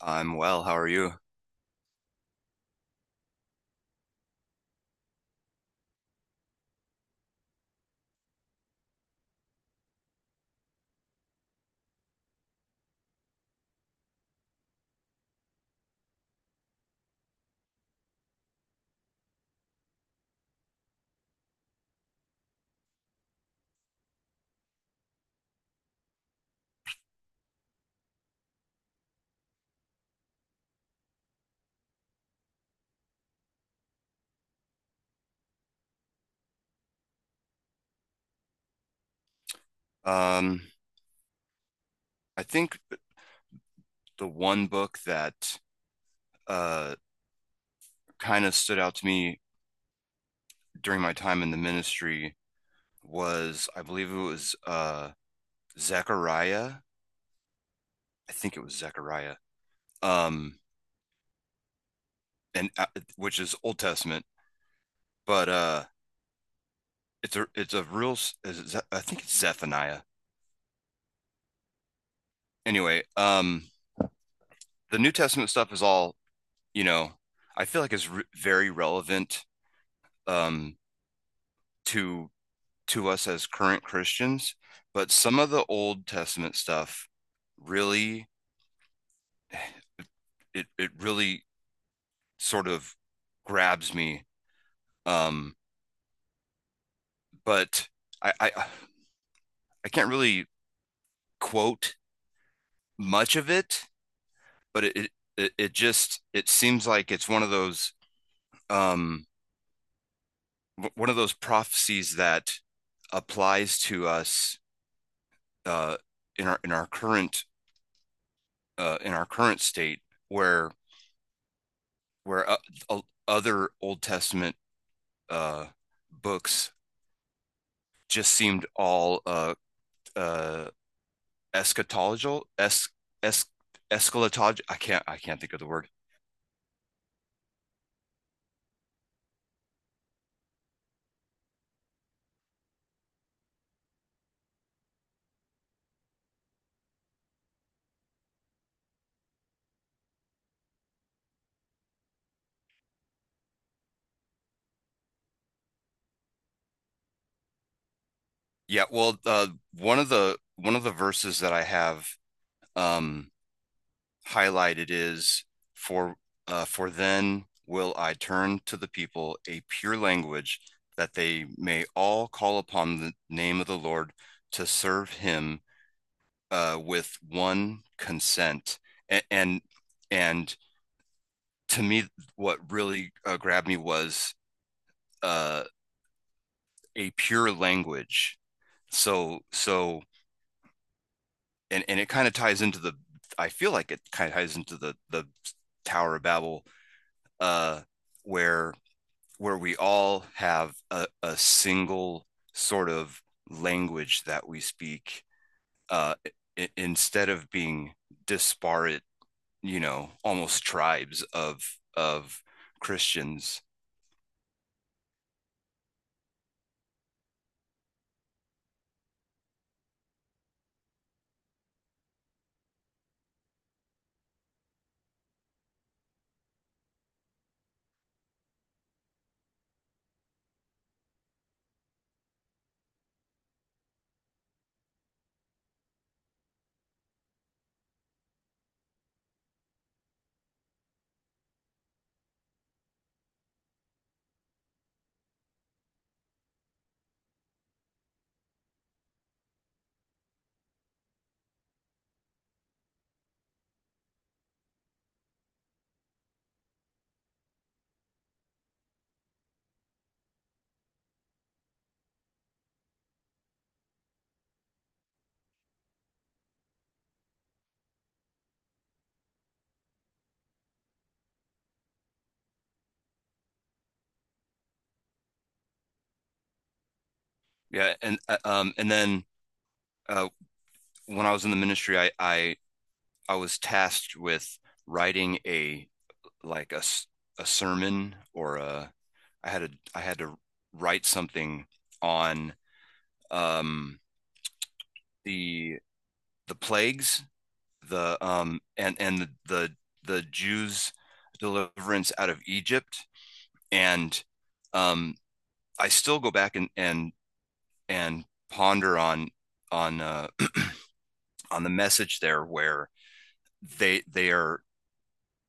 I'm well. How are you? Um, I think the one book that uh kind of stood out to me during my time in the ministry was, I believe it was Zechariah. I think it was Zechariah. Um, and which is Old Testament, but it's a real. Is it, I think it's Zephaniah. Anyway, the New Testament stuff is all you know. I feel like it's re very relevant um to to us as current Christians, but some of the Old Testament stuff really it really sort of grabs me. Um, but I I, I can't really quote much of it, but it just it seems like it's um one of those prophecies that applies to us uh in our in our current state where where uh, other Old Testament uh, books just seemed all uh, eschatological, es, eschatological. I can't think of the word. Yeah, well, one of the verses that I have um, highlighted is for for then will I turn to the people a pure language that they may all call upon the name of the Lord to serve him, with one consent. A- and and to me, what really grabbed me was, uh, a pure language. So so and it kind of ties into the. I feel like it kind of ties into the Tower of Babel, uh, where where we all have a single sort of language that we speak, uh, instead of being disparate, you know, almost tribes of Christians. And then uh, when I was in the ministry, I was tasked with writing a like a sermon or a I had to write something on um the plagues, the and the the Jews' deliverance out of Egypt, and um I still go back and and ponder on on uh, on the message there, where they they are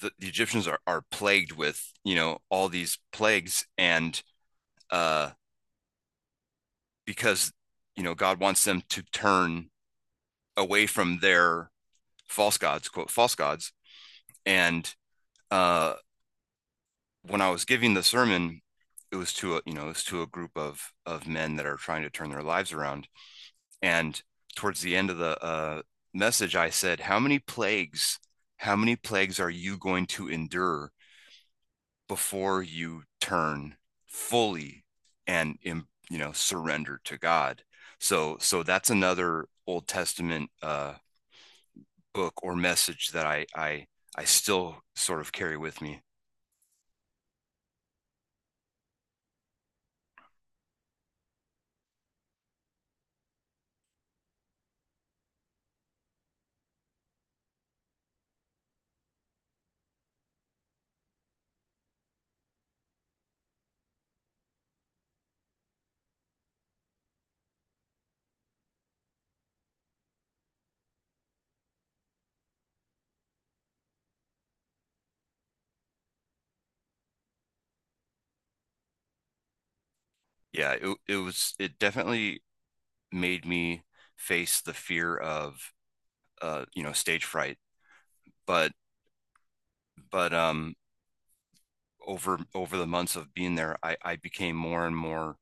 the Egyptians are plagued with, you know, all these plagues, and uh, because, you know, God wants them to turn away from their false gods, quote, false gods, and uh, when I was giving the sermon, it was to a, you know, it was to a group of men that are trying to turn their lives around. And towards the end of the message, I said, how many plagues, how many plagues are you going to endure before you turn fully and, you know, surrender to God? So, so that's another Old Testament book or message that I still sort of carry with me. Yeah, it definitely made me face the fear of, you know, stage fright. But, but over over the months of being there, I became more and more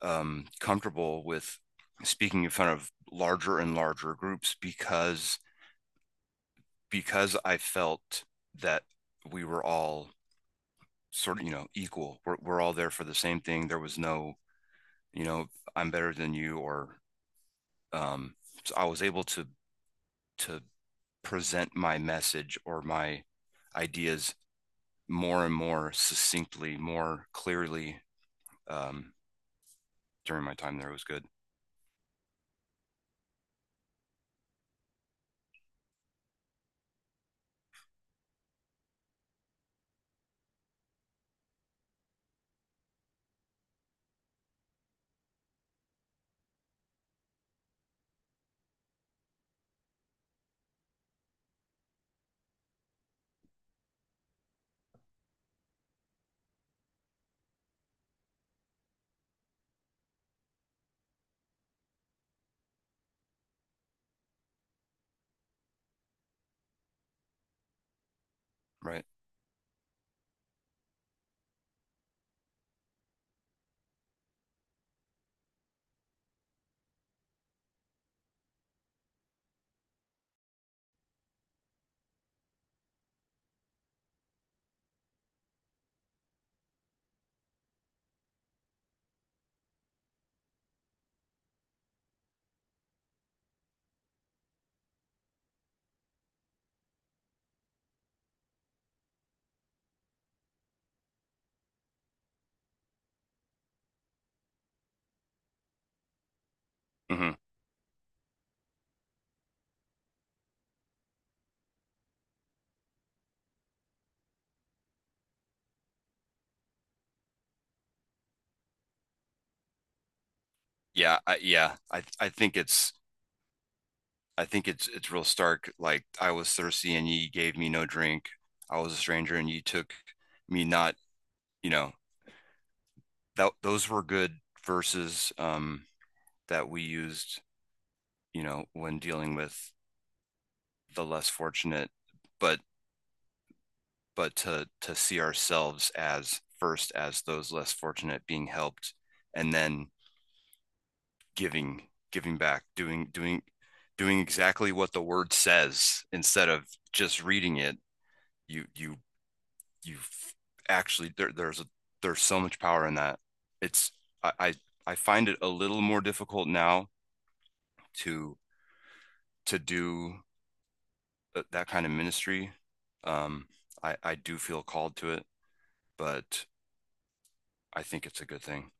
comfortable with speaking in front of larger and larger groups, because I felt that we were all sort of, you know, equal. We're all there for the same thing. There was no, you know, I'm better than you, or, um, so I was able to present my message or my ideas more and more succinctly, more clearly, um, during my time there. It was good, right? Hmm. Yeah, yeah. I think it's real stark. Like, I was thirsty and ye gave me no drink. I was a stranger and ye took me not. You know, that those were good verses that we used. You know, when dealing with the less fortunate, but but to see ourselves as first as those less fortunate being helped, and then giving giving back, doing doing exactly what the word says instead of just reading it. You you you actually there's there's so much power in that. It's I, I I find it a little more difficult now to to do that kind of ministry. Um I do feel called to it, but I think it's a good thing.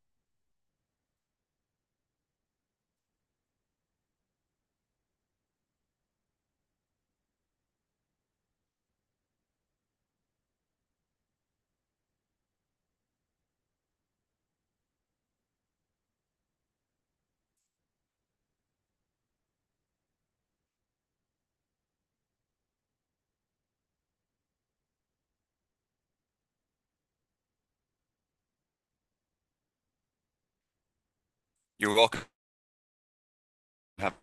You're welcome. Have